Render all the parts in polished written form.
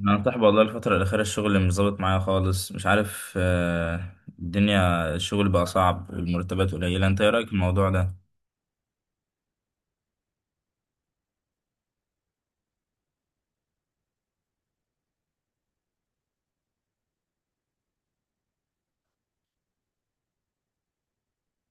انا مفتاح، والله الفترة الأخيرة الشغل مش ظابط معايا خالص، مش عارف. الدنيا الشغل بقى صعب والمرتبات قليلة، انت ايه رأيك في الموضوع ده؟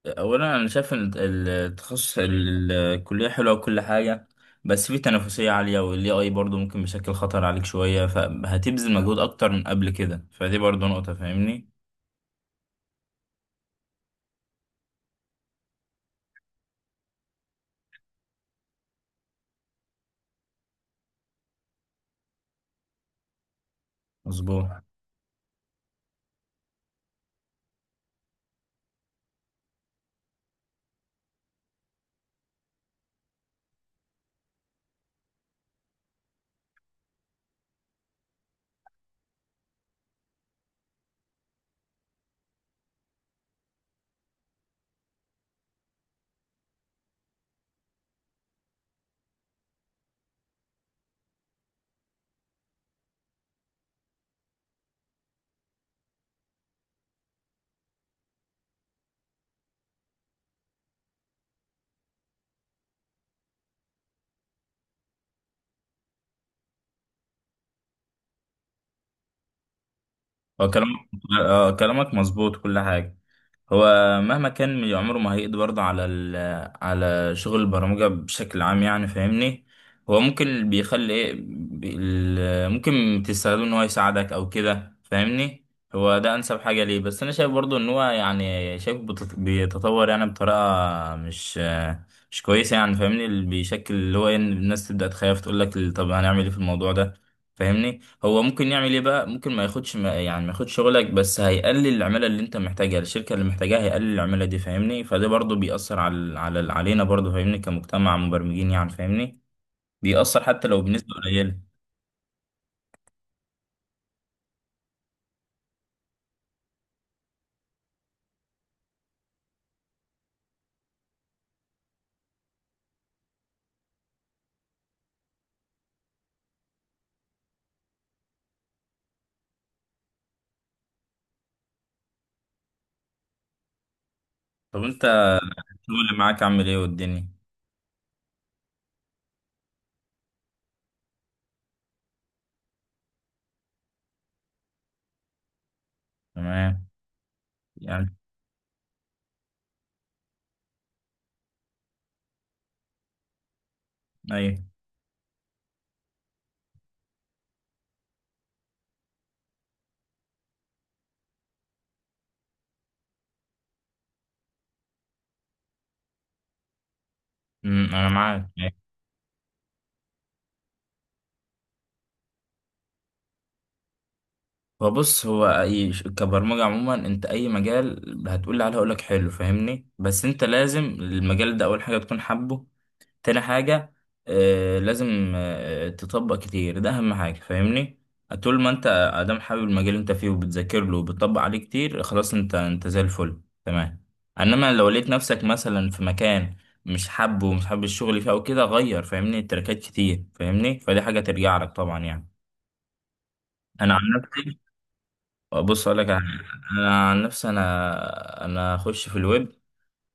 أولا أنا شايف إن التخصص الكلية حلوة وكل حاجة، بس في تنافسية عالية، وال AI برضه ممكن بيشكل خطر عليك شوية، فهتبذل مجهود أكتر من قبل كده، فدي برضه نقطة. فاهمني؟ مظبوط. هو كلامك كلامك مظبوط كل حاجة. هو مهما كان من عمره، ما هيقضي برضه على شغل البرمجة بشكل عام يعني. فاهمني؟ هو ممكن اللي بيخلي ايه ممكن تستخدمه ان هو يساعدك او كده. فاهمني؟ هو ده انسب حاجة ليه، بس انا شايف برضه ان هو يعني شايف بيتطور يعني بطريقة مش كويسة يعني. فاهمني؟ اللي بيشكل اللي هو إن الناس تبدأ تخاف تقول لك طب هنعمل ايه في الموضوع ده. فاهمني؟ هو ممكن يعمل ايه بقى، ممكن ما ياخدش، ما يعني ما ياخدش شغلك، بس هيقلل العمالة اللي انت محتاجها، الشركة اللي محتاجاها هيقلل العمالة دي. فاهمني؟ فده برضو بيأثر على على علينا برضو. فاهمني كمجتمع مبرمجين يعني. فاهمني؟ بيأثر حتى لو بنسبة قليلة. طب انت، الشغل اللي معاك عامل ايه والدنيا؟ تمام يعني. ايوه. انا معاك. أيوه. هو بص، هو اي كبرمجة عموما، انت اي مجال هتقول لي عليه هقول لك حلو. فاهمني؟ بس انت لازم المجال ده اول حاجة تكون حابه، تاني حاجة لازم تطبق كتير، ده أهم حاجة. فاهمني؟ طول ما أنت أدام حابب المجال اللي أنت فيه وبتذاكر له وبتطبق عليه كتير، خلاص أنت زي الفل تمام. إنما لو لقيت نفسك مثلا في مكان مش حابه ومش حابب الشغل فيه أو كده، غير فاهمني تركات كتير. فاهمني؟ فدي حاجة ترجع لك طبعا يعني. أنا عن نفسي. بص أقول لك على حاجة. أنا عن نفسي أنا أخش في الويب.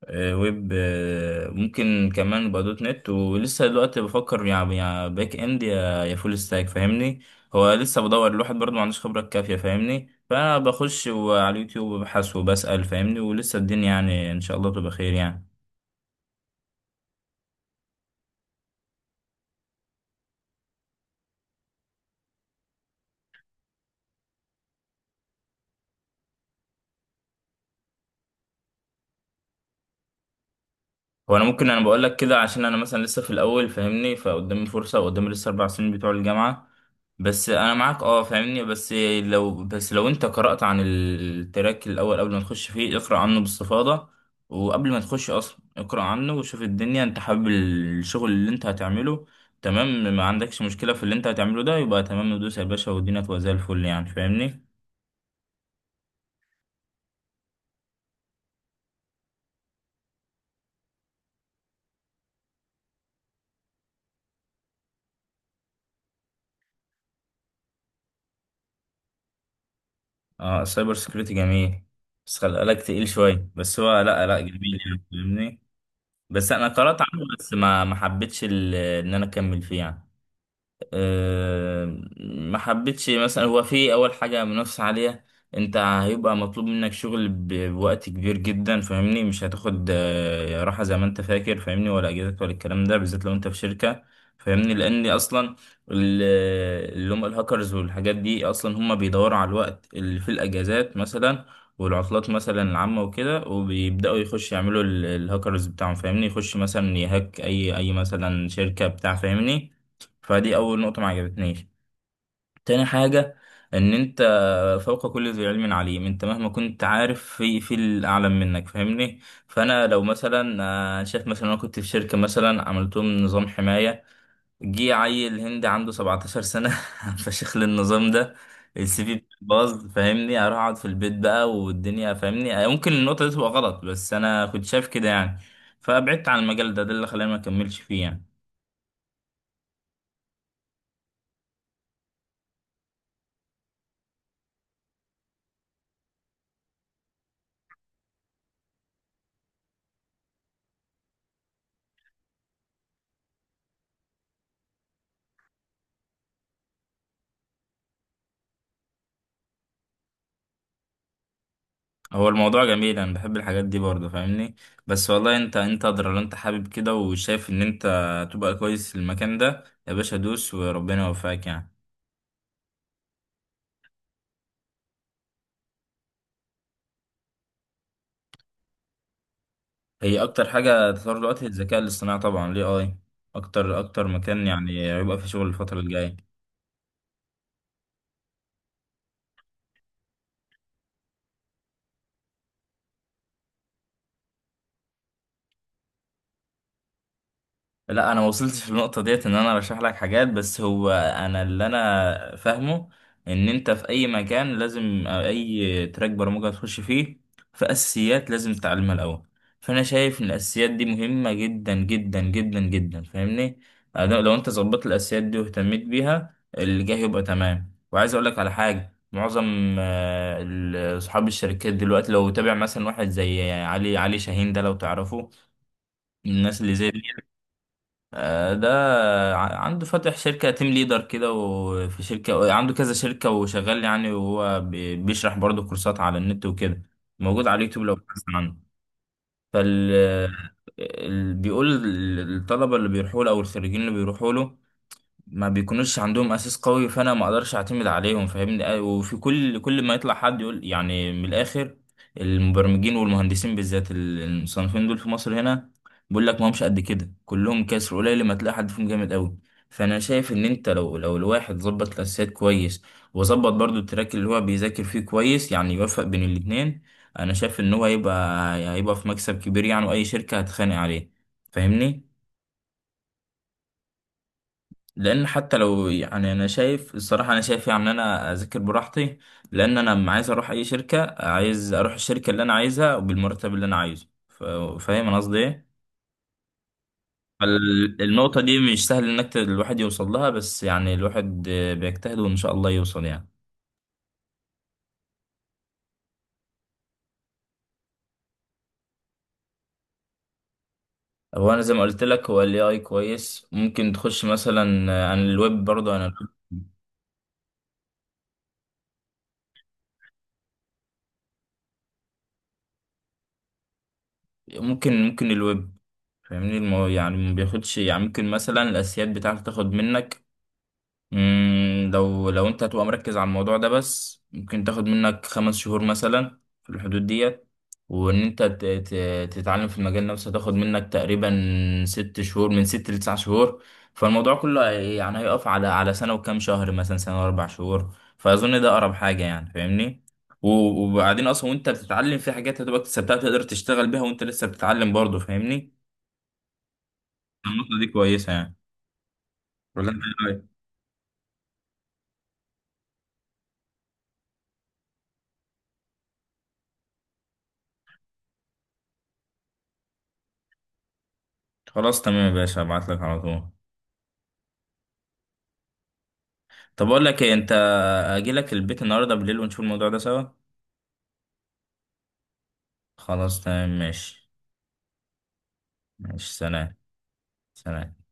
ويب ممكن كمان يبقى دوت نت. ولسه دلوقتي بفكر يعني، يا باك اند يا فول ستاك. فاهمني؟ هو لسه بدور، الواحد برضه ما عندوش خبرة كافية. فاهمني؟ فانا بخش على اليوتيوب وببحث وبسأل. فاهمني؟ ولسه الدنيا، يعني ان شاء الله تبقى خير يعني. هو انا ممكن انا بقول لك كده عشان انا مثلا لسه في الاول. فاهمني؟ فقدامي فرصه وقدامي لسه 4 سنين بتوع الجامعه. بس انا معاك اه، فاهمني. بس لو انت قرات عن التراك الاول قبل ما تخش فيه، اقرا عنه باستفاضه. وقبل ما تخش اصلا اقرا عنه وشوف الدنيا، انت حابب الشغل اللي انت هتعمله، تمام؟ ما عندكش مشكله في اللي انت هتعمله ده، يبقى تمام، ندوس يا باشا والدنيا تبقى زي الفل يعني. فاهمني؟ اه، السايبر سكيورتي جميل، بس خلي بالك تقيل شويه، بس هو لا، لا، جميل يعني. فاهمني؟ بس انا قرأت عنه بس ما حبيتش ان انا اكمل فيه يعني. آه، ما حبيتش مثلا، هو في اول حاجه منافسه عاليه. انت هيبقى مطلوب منك شغل بوقت كبير جدا. فاهمني؟ مش هتاخد راحه زي ما انت فاكر. فاهمني؟ ولا اجازات ولا الكلام ده بالذات لو انت في شركه. فاهمني؟ لان اصلا ال- اللي هم الهاكرز والحاجات دي اصلا هم بيدوروا على الوقت اللي في الاجازات مثلا، والعطلات مثلا العامه وكده، وبيبداوا يخشوا يعملوا الهاكرز بتاعهم. فاهمني؟ يخش مثلا يهاك اي مثلا شركه بتاع. فاهمني؟ فدي اول نقطة ما عجبتنيش. تاني حاجة، ان انت فوق كل ذي علم عليم، انت مهما كنت عارف في الاعلم منك. فاهمني؟ فانا لو مثلا شايف مثلا، انا كنت في شركة مثلا، عملت لهم نظام حماية، جه عيل هندي عنده 17 سنة فشخ للنظام ده، السي في باظ. فاهمني؟ اروح اقعد في البيت بقى والدنيا. فاهمني؟ ممكن النقطة دي تبقى غلط بس انا كنت شايف كده يعني. فبعدت عن المجال ده، ده اللي خلاني ما اكملش فيه يعني. هو الموضوع جميل، انا بحب الحاجات دي برضه. فاهمني؟ بس والله انت ادرى، لو انت حابب كده وشايف ان انت تبقى كويس في المكان ده، يا باشا دوس وربنا يوفقك يعني. هي اكتر حاجه تطور دلوقتي الذكاء الاصطناعي طبعا، ليه اي اكتر اكتر مكان يعني هيبقى في شغل الفتره الجايه. لا، انا ما وصلتش للنقطه ديت ان انا ارشح لك حاجات. بس هو انا اللي انا فاهمه، ان انت في اي مكان لازم، أو اي تراك برمجه تخش فيه، في اساسيات لازم تتعلمها الاول. فانا شايف ان الاساسيات دي مهمه جدا جدا جدا جدا. فاهمني؟ أنا لو انت ظبطت الاساسيات دي واهتميت بيها، اللي جاي يبقى تمام. وعايز اقول لك على حاجه، معظم اصحاب الشركات دلوقتي، لو تابع مثلا واحد زي علي شاهين ده لو تعرفه، من الناس اللي زي دي، ده عنده فاتح شركة تيم ليدر كده، وفي شركة عنده، كذا شركة وشغال يعني. وهو بيشرح برضه كورسات على النت وكده، موجود على اليوتيوب لو بحثت عنه. فال بيقول الطلبة اللي بيروحوا له أو الخريجين اللي بيروحوا له، ما بيكونوش عندهم اساس قوي، فانا ما اقدرش اعتمد عليهم. فاهمني؟ وفي كل ما يطلع حد يقول، يعني من الاخر، المبرمجين والمهندسين بالذات المصنفين دول في مصر هنا، بيقول لك ما همش قد كده، كلهم كسر قليل ما تلاقي حد فيهم جامد قوي. فانا شايف ان انت لو الواحد ظبط الاساسيات كويس، وظبط برضو التراك اللي هو بيذاكر فيه كويس يعني، يوفق بين الاتنين، انا شايف ان هو هيبقى في مكسب كبير يعني، واي شركة هتخانق عليه. فاهمني؟ لان حتى لو، يعني انا شايف الصراحه، انا شايف يعني ان انا اذاكر براحتي، لان انا لما عايز اروح اي شركه، عايز اروح الشركه اللي انا عايزها وبالمرتب اللي انا عايزه. فاهم انا قصدي ايه؟ النقطه دي مش سهل انك الواحد يوصل لها، بس يعني الواحد بيجتهد وان شاء الله يوصل يعني. هو انا زي ما قلت لك، هو الاي اي كويس، ممكن تخش مثلا عن الويب برضه. انا ممكن الويب. فاهمني؟ يعني ما بياخدش يعني، ممكن مثلا الاساسيات بتاعته تاخد منك. لو انت هتبقى مركز على الموضوع ده بس، ممكن تاخد منك 5 شهور مثلا في الحدود ديت. وان انت تتعلم في المجال نفسه، هتاخد منك تقريبا 6 شهور، من 6 لـ 9 شهور. فالموضوع كله يعني هيقف على سنة وكام شهر، مثلا سنة و4 شهور. فاظن ده اقرب حاجة يعني. فاهمني؟ وبعدين اصلا، وانت بتتعلم في حاجات هتبقى اكتسبتها، تقدر تشتغل بيها وانت لسه بتتعلم برضه. فاهمني؟ النقطة دي كويسة يعني، ولا انت إيه رأيك؟ خلاص تمام يا باشا، هبعت لك على طول. طب اقول لك ايه، انت اجي لك البيت النهارده بالليل ونشوف الموضوع ده سوا. خلاص تمام، ماشي. ماشي، سلام. سلام.